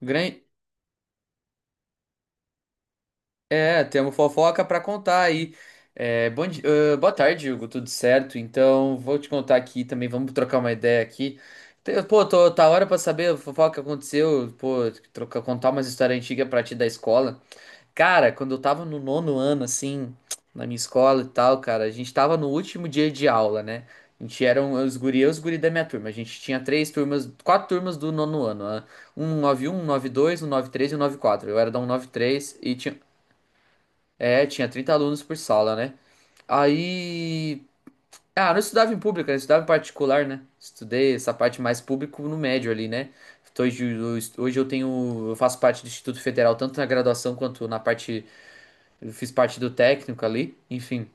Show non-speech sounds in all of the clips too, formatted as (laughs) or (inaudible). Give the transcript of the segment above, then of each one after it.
Gran- É, temos fofoca para contar aí. É, boa tarde, Hugo, tudo certo? Então, vou te contar aqui também, vamos trocar uma ideia aqui. Tá hora para saber a fofoca que aconteceu, pô, contar umas histórias antigas pra ti da escola. Cara, quando eu tava no nono ano, assim, na minha escola e tal, cara, a gente tava no último dia de aula, né? A gente era os guri, eu e os guri da minha turma. A gente tinha três turmas, quatro turmas do nono ano, né? 191, nove um, um nove dois, um nove três e 194. Eu era da um nove três e tinha. É, tinha 30 alunos por sala, né? Aí. Ah, eu não estudava em pública, eu estudava em particular, né? Estudei essa parte mais público no médio ali, né? Eu faço parte do Instituto Federal, tanto na graduação quanto na parte, eu fiz parte do técnico ali, enfim.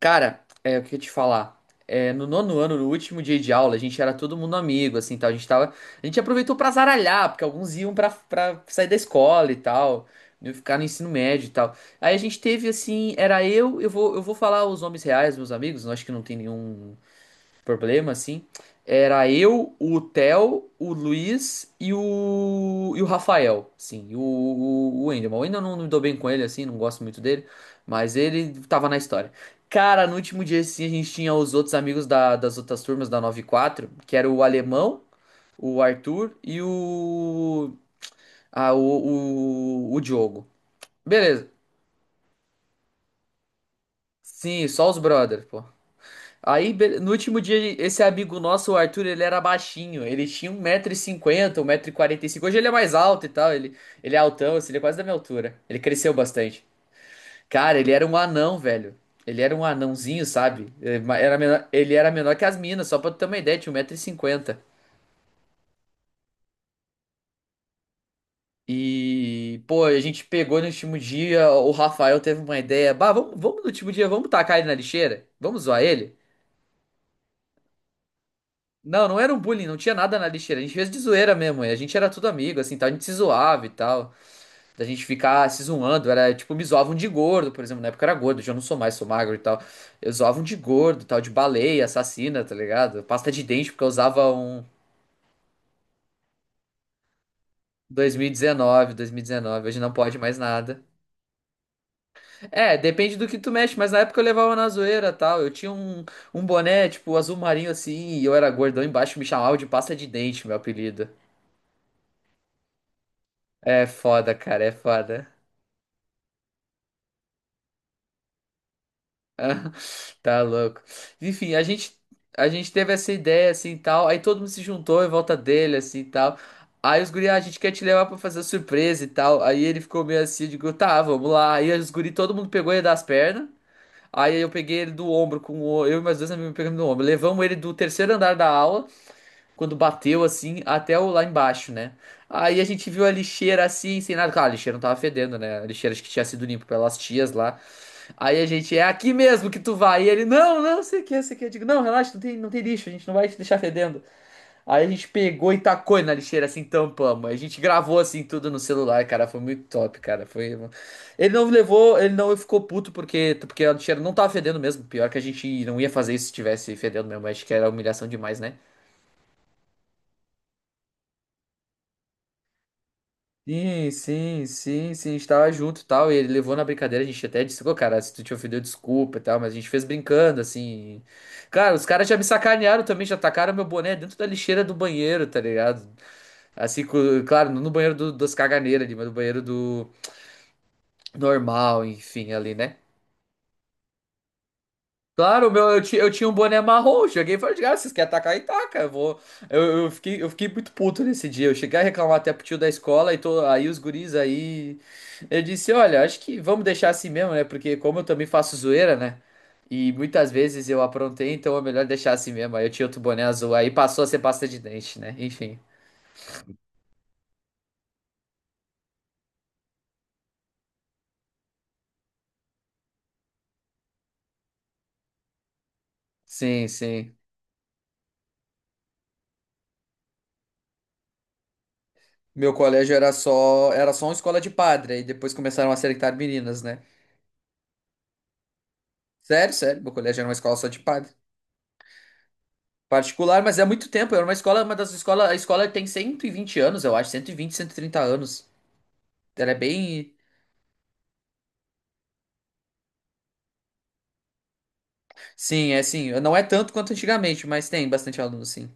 Cara, o que eu ia te falar? É, no nono ano, no último dia de aula, a gente era todo mundo amigo, assim, tal. A gente aproveitou pra zaralhar, porque alguns iam pra sair da escola e tal, iam ficar no ensino médio e tal. Aí a gente teve, assim, era eu vou falar os nomes reais, meus amigos, eu acho que não tem nenhum, problema, assim, era eu, o Theo, o Luiz e o Rafael, sim, e o Wendel. Mas o Wendel não me dou bem com ele, assim, não gosto muito dele, mas ele tava na história. Cara, no último dia, assim, a gente tinha os outros amigos das outras turmas da nove quatro que era o Alemão, o Arthur e o, ah, o Diogo. Beleza. Sim, só os brothers, pô. Aí, no último dia, esse amigo nosso, o Arthur, ele era baixinho. Ele tinha um metro e cinquenta, um metro e quarenta e cinco. Hoje ele é mais alto e tal. Ele é altão, assim, ele é quase da minha altura. Ele cresceu bastante. Cara, ele era um anão, velho. Ele era um anãozinho, sabe? Ele era menor que as minas, só pra tu ter uma ideia, tinha 1,50 m. E, cinquenta. E, pô, a gente pegou no último dia, o Rafael teve uma ideia. Bah, vamos no último dia, vamos tacar ele na lixeira? Vamos zoar ele? Não, não era um bullying, não tinha nada na lixeira. A gente fez de zoeira mesmo, e a gente era tudo amigo, assim, tal, a gente se zoava e tal. Da gente ficar se zoando, era tipo, me zoavam de gordo, por exemplo, na época eu era gordo, já não sou mais, sou magro e tal. Eu zoavam de gordo, tal, de baleia, assassina, tá ligado? Pasta de dente, porque eu usava um 2019, 2019, hoje não pode mais nada. É, depende do que tu mexe, mas na época eu levava na zoeira, tal. Eu tinha um boné, tipo, azul marinho assim, e eu era gordão embaixo, me chamavam de pasta de dente, meu apelido. É foda, cara, é foda. (laughs) Ah, tá louco. Enfim, a gente teve essa ideia assim e tal, aí todo mundo se juntou em volta dele assim e tal. Aí os guri, a gente quer te levar pra fazer surpresa e tal. Aí ele ficou meio assim, eu digo, tá, vamos lá. Aí os guri, todo mundo pegou ele das pernas. Aí eu peguei ele do ombro eu e meus dois amigos pegamos no ombro. Levamos ele do terceiro andar da aula, quando bateu assim, até o lá embaixo, né? Aí a gente viu a lixeira assim, sem nada. Claro, a lixeira não tava fedendo, né? A lixeira acho que tinha sido limpa pelas tias lá. Aí a gente, é aqui mesmo que tu vai. E ele, não, não, sei o que, sei o que. Eu digo, não, relaxa, não tem lixo, a gente não vai te deixar fedendo. Aí a gente pegou e tacou ele na lixeira, assim, tampamos. A gente gravou, assim, tudo no celular, cara, foi muito top, cara. Foi... um Ele não levou, ele não ficou puto porque a lixeira não tava fedendo mesmo. Pior que a gente não ia fazer isso se tivesse fedendo mesmo, acho que era humilhação demais, né? Sim, sim, sim, sim, a gente tava junto e tal, e ele levou na brincadeira, a gente até disse, pô, cara, se tu te ofendeu, desculpa e tal, mas a gente fez brincando, assim. Cara, os caras já me sacanearam também, já tacaram meu boné dentro da lixeira do banheiro, tá ligado? Assim, claro, não no banheiro das caganeiras ali, mas no banheiro do normal, enfim, ali, né? Claro, o meu, eu, ti- eu tinha um boné marrom, cheguei e falei, ah, vocês querem atacar, e taca, eu vou. Eu fiquei muito puto nesse dia, eu cheguei a reclamar até pro tio da escola, aí os guris aí. Eu disse, olha, acho que vamos deixar assim mesmo, né, porque como eu também faço zoeira, né, e muitas vezes eu aprontei, então é melhor deixar assim mesmo, aí eu tinha outro boné azul, aí passou a ser pasta de dente, né, enfim. Sim, sim. Meu colégio era só, uma escola de padre, aí depois começaram a seletar meninas, né. Sério, sério, meu colégio era uma escola só de padre. Particular, mas é muito tempo. Era uma escola, uma das escolas. A escola tem 120 anos, eu acho. Cento e vinte, 130 anos. Ela é bem. Sim, é assim. Não é tanto quanto antigamente, mas tem bastante aluno, sim.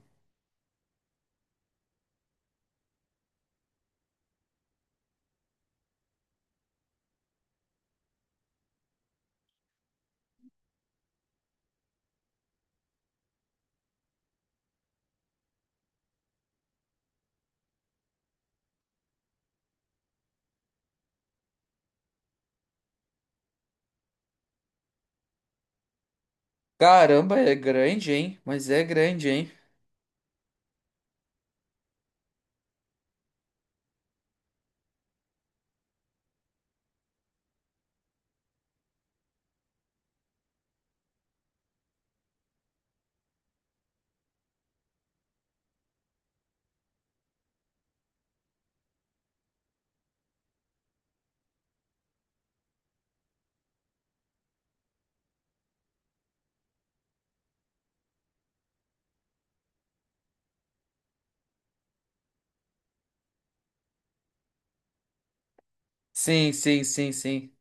Caramba, é grande, hein? Mas é grande, hein? Sim, sim, sim, sim.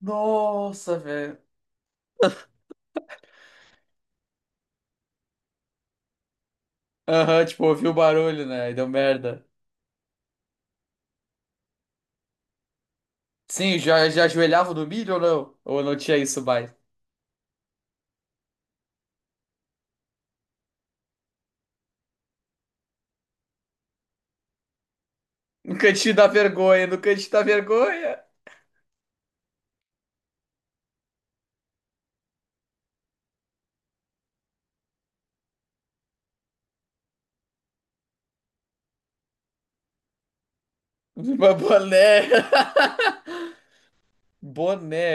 Nossa, velho. Aham, tipo, ouviu o barulho, né? E deu merda. Sim, já ajoelhava no milho ou não? Ou não tinha isso mais? No cantinho da vergonha, no cantinho da vergonha. Uma boné. (laughs) Boné.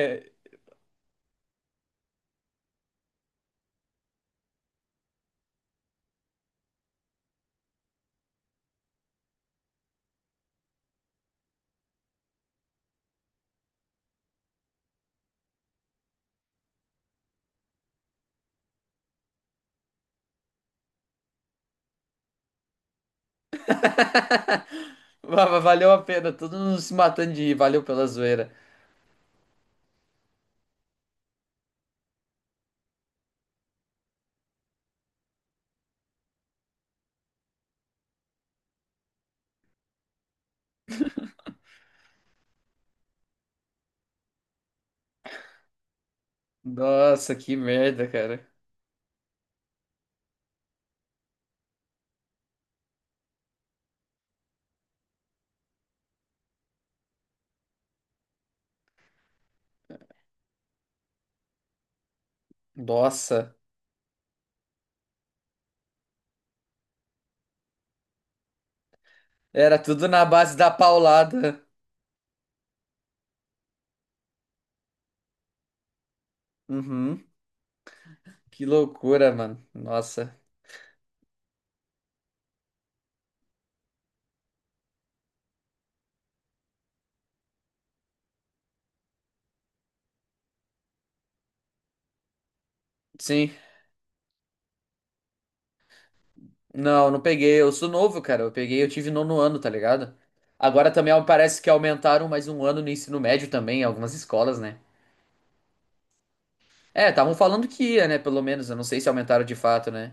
Valeu a pena, todo mundo se matando de rir, valeu pela zoeira. Nossa, que merda, cara. Nossa, era tudo na base da paulada. Uhum, que loucura, mano. Nossa, sim. Não peguei, eu sou novo, cara. Eu tive nono ano, tá ligado? Agora também parece que aumentaram mais um ano no ensino médio também, em algumas escolas, né? É, estavam falando que ia, né? Pelo menos, eu não sei se aumentaram de fato, né?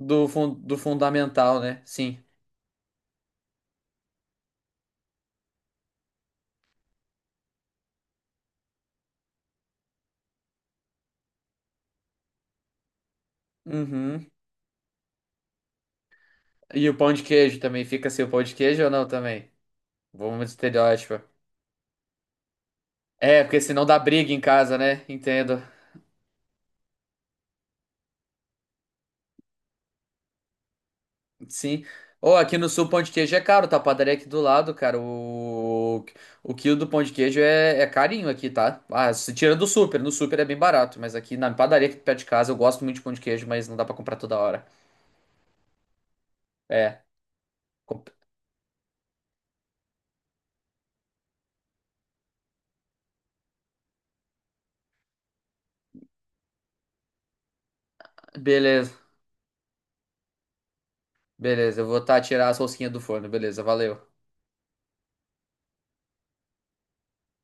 Do fundamental, né? Sim. Uhum. E o pão de queijo também fica sem o pão de queijo ou não também? Vamos de estereótipo. É, porque senão dá briga em casa, né? Entendo. Sim. Ou aqui no sul, pão de queijo é caro, tá? A padaria aqui do lado, cara. O quilo do pão de queijo é carinho aqui, tá? Ah, se tira do super. No super é bem barato, mas aqui na padaria aqui perto de casa eu gosto muito de pão de queijo, mas não dá pra comprar toda hora. É. comp- Beleza, beleza. Eu vou tirar as rosquinhas do forno, beleza, valeu.